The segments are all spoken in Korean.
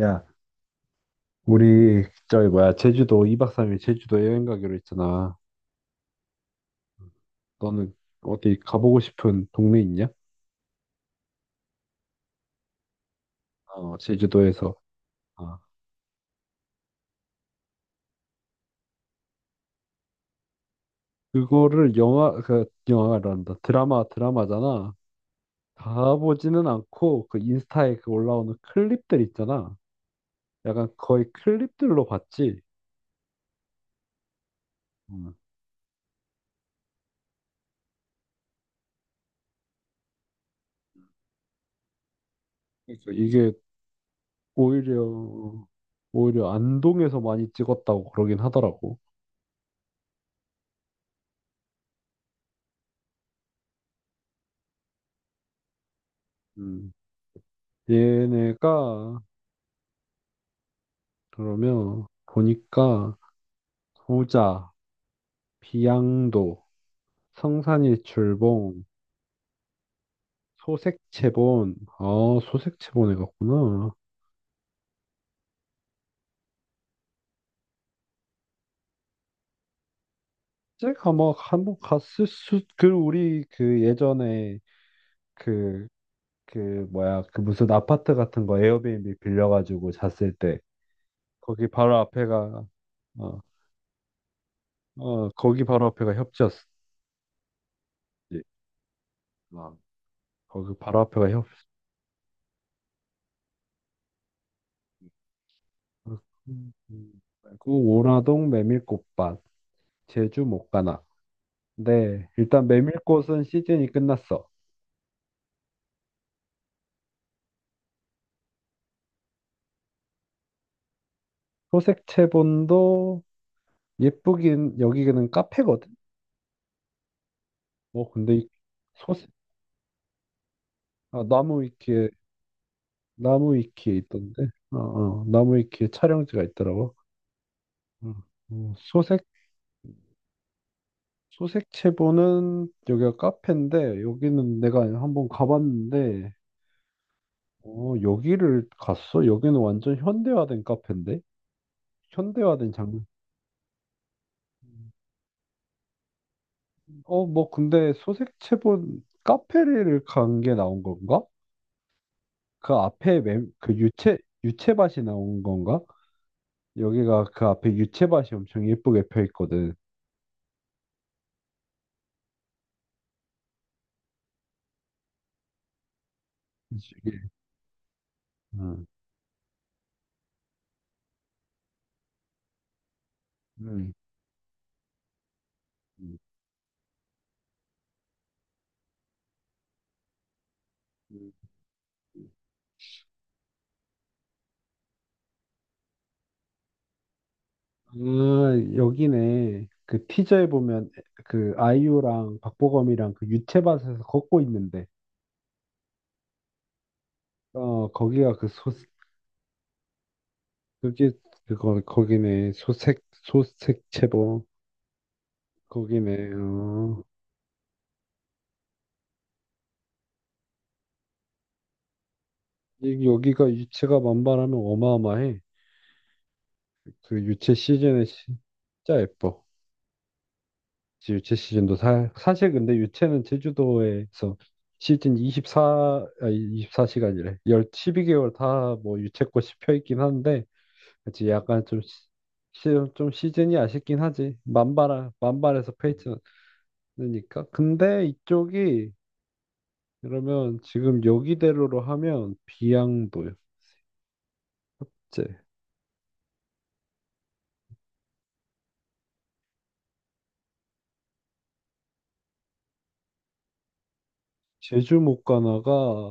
야, 우리 저기 뭐야 제주도 2박 3일 제주도 여행 가기로 했잖아. 너는 어디 가보고 싶은 동네 있냐? 어, 제주도에서. 아, 그거를 영화 그 영화란다 드라마 드라마잖아. 가보지는 않고 그 인스타에 그 올라오는 클립들 있잖아. 약간 거의 클립들로 봤지. 음. 그래서 이게 오히려 오히려 안동에서 많이 찍었다고 그러긴 하더라고. 음. 얘네가 그러면 보니까 소자, 비양도, 성산일출봉, 소색채본, 아, 소색채본에 갔구나. 제가 막 한번 갔을 수, 그 우리 그 예전에 그, 그 뭐야, 그 무슨 아파트 같은 거 에어비앤비 빌려가지고 잤을 때 거기 바로 앞에가 어, 거기 바로 앞에가 협지였지. 어, 거기 바로 앞에가 협. 그리고 오라동 메밀꽃밭, 제주 목가나. 네, 일단 메밀꽃은 시즌이 끝났어. 소색 채본도 예쁘긴 여기는 카페거든. 어, 근데 소색 아, 나무 위키에 나무 위키에 있던데. 나무 위키에 촬영지가 있더라고. 어, 어, 소색 소색 채본은 여기가 카페인데 여기는 내가 한번 가봤는데 여기를 갔어? 여기는 완전 현대화된 카페인데? 현대화된 장르. 뭐, 근데 소색채본 카페를 간 게 나온 건가? 그 앞에 유채밭이 나온 건가? 여기가 그 앞에 유채밭이 엄청 예쁘게 펴 있거든. 이게, 응. 응. 응. 아, 여기네. 그 티저에 보면 그 아이유랑 박보검이랑 그 유채밭에서 걷고 있는데, 거기가 그게, 거기네. 소색채본. 거기네. 어. 여기가 유채가 만발하면 어마어마해. 그 유채 시즌에 진짜 예뻐. 이제 유채 시즌도 사실 근데 유채는 제주도에서 시즌 24, 아, 이십사 시간이래1 십이 2개월 다 뭐 유채꽃이 펴 있긴 한데, 그치, 약간 좀, 시- 좀 시즌이 아쉽긴 하지. 만발해서 펴있지 않으니까. 근데 이쪽이, 그러면 지금 여기대로로 하면 비양도, 이제 제주 못 가나가,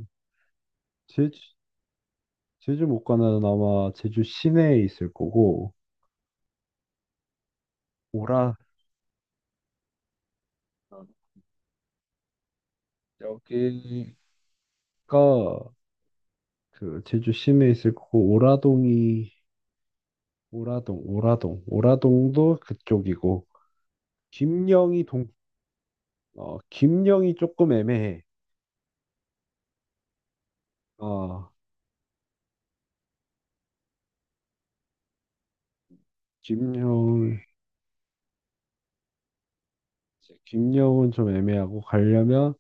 제주, 제주 못가는 아마 제주 시내에 있을 거고 오라 어. 여기가 그 제주 시내에 있을 거고 오라동이 오라동 오라동 오라동도 그쪽이고 김영이 동 김영이 조금 애매해. 어, 김영 김영은 좀 애매하고 가려면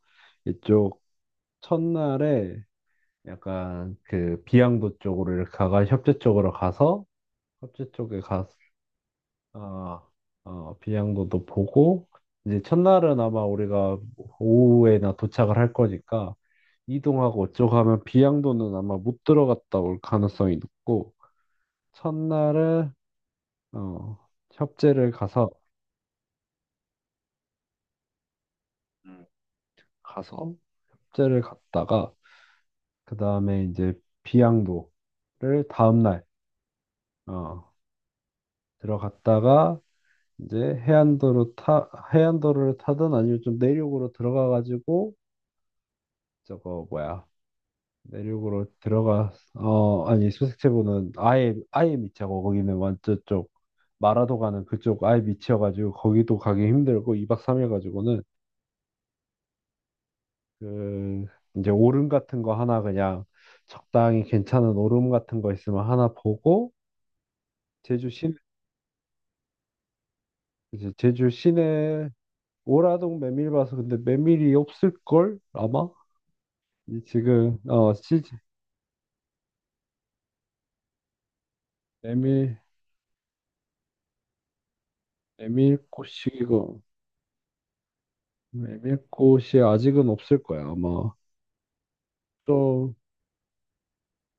이쪽 첫날에 약간 그 비양도 쪽으로 이렇게 가가 협재 쪽으로 가서 협재 쪽에 가서 아, 비양도도 보고, 이제 첫날은 아마 우리가 오후에나 도착을 할 거니까, 이동하고 어쩌고 하면 비양도는 아마 못 들어갔다 올 가능성이 높고, 첫날은, 어, 협재를 가서, 음. 가서, 협재를 갔다가, 그 다음에 이제 비양도를 다음날, 어, 들어갔다가, 이제 해안도로 타, 해안도로를 타든 아니면 좀 내륙으로 들어가가지고, 저거 뭐야. 내륙으로 들어가 아니 수색체부는 아예 밑이고 거기는 완전 쪽 마라도 가는 그쪽 아예 밑이어가지고 거기도 가기 힘들고 2박 3일 가지고는 그 이제 오름 같은 거 하나 그냥 적당히 괜찮은 오름 같은 거 있으면 하나 보고 제주 시내 이제 제주 시내 오라동 메밀 봐서 근데 메밀이 없을 걸 아마 이 지금 시즌 메밀 메밀꽃이고 메밀꽃이 아직은 없을 거야 아마 또,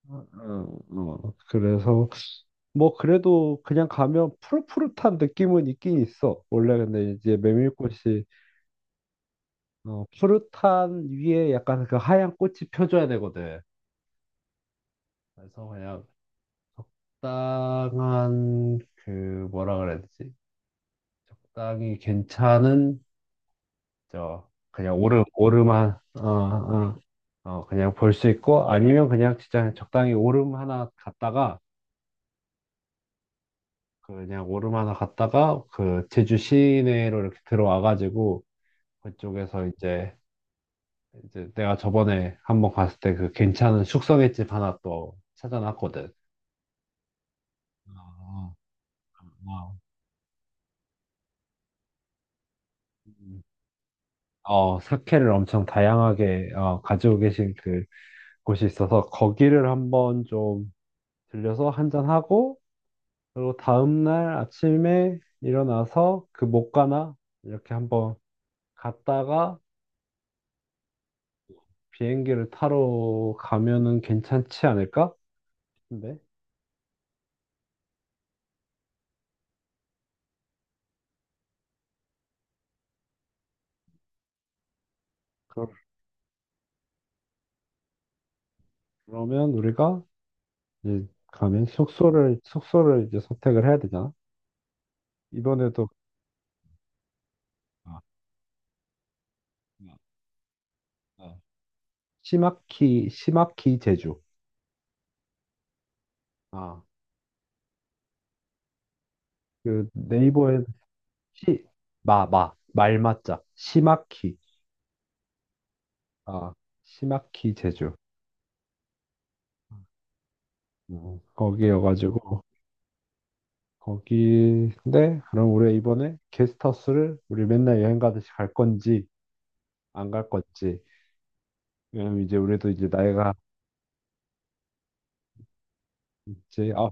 어, 그래서, 뭐, 그래도 그냥 가면 푸릇푸릇한 느낌은 있긴 있어. 원래 근데 이제 메밀꽃이, 푸릇한 위에 약간 그 하얀 꽃이 펴줘야 되거든. 그래서 그냥 적당한, 그, 뭐라 그래야 되지? 적당히 괜찮은, 저, 그냥 오름, 오름한, 어, 어, 어, 그냥 볼 수 있고, 아니면 그냥 진짜 적당히 오름 하나 갔다가, 그 그냥 오르마나 갔다가 그 제주 시내로 이렇게 들어와가지고 그쪽에서 이제 내가 저번에 한번 갔을 때 그 괜찮은 숙성횟집 하나 또 찾아놨거든. 아, 아. 음. 사케를 엄청 다양하게 가지고 계신 그 곳이 있어서 거기를 한번 좀 들려서 한 잔하고 그리고 다음날 아침에 일어나서 그 목가나 이렇게 한번 갔다가 비행기를 타러 가면은 괜찮지 않을까? 근데 그- 그러면 우리가 이제 가면 숙소를 이제 선택을 해야 되잖아. 이번에도 아, 아, 아. 시마키 시마키 제주. 아, 그 네이버에 시 마 말맞자 시마키 아 시마키 제주. 거기여가지고 거기인데 그럼 우리 가 이번에 게스트하우스를 우리 맨날 여행 가듯이 갈 건지 안 갈 건지 왜냐면 이제 우리도 이제 나이가 이제 아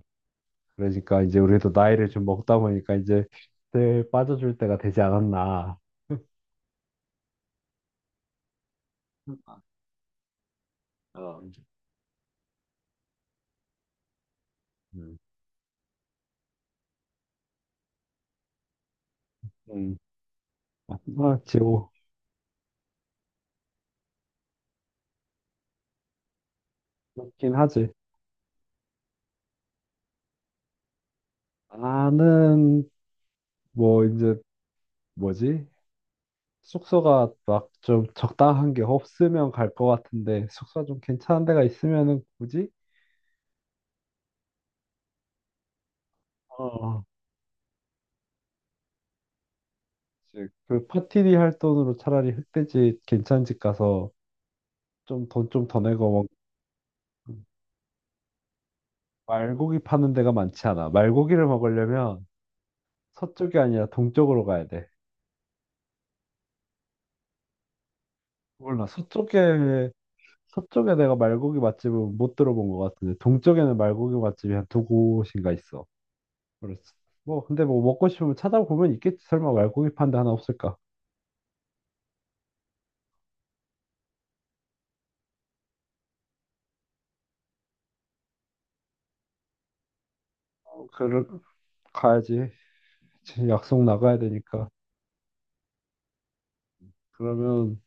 그러니까 이제 우리도 나이를 좀 먹다 보니까 이제 그때 빠져줄 때가 되지 않았나. 어, 음, 음. 아, 지옥 그렇긴 하지. 나는 뭐 이제 뭐지? 숙소가 막 좀 적당한 게 없으면 갈 것 같은데 숙소 가좀 괜찮은 데가 있으면은 굳이 어 이제 그 파티리 할 돈으로 차라리 흑돼지 괜찮은 집 가서 좀 돈 좀 더 내고 뭐 말고기 파는 데가 많지 않아. 말고기를 먹으려면 서쪽이 아니라 동쪽으로 가야 돼. 몰라. 서쪽에 내가 말고기 맛집은 못 들어본 것 같은데 동쪽에는 말고기 맛집이 한 두 곳인가 있어. 그래서 뭐 근데 뭐 먹고 싶으면 찾아보면 있겠지. 설마 말고기 파는 데 하나 없을까? 어, 그를 가야지. 지금 약속 나가야 되니까. 그러면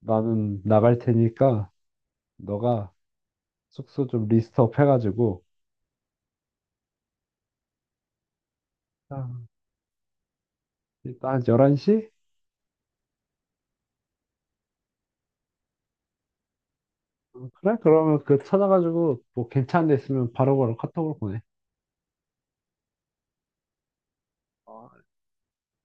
나는 나갈 테니까 너가 숙소 좀 리스트업 해가지고 아, 일단 11시? 그래? 그러면 그 찾아가지고 뭐 괜찮은 데 있으면 바로바로 카톡으로 보내. 어,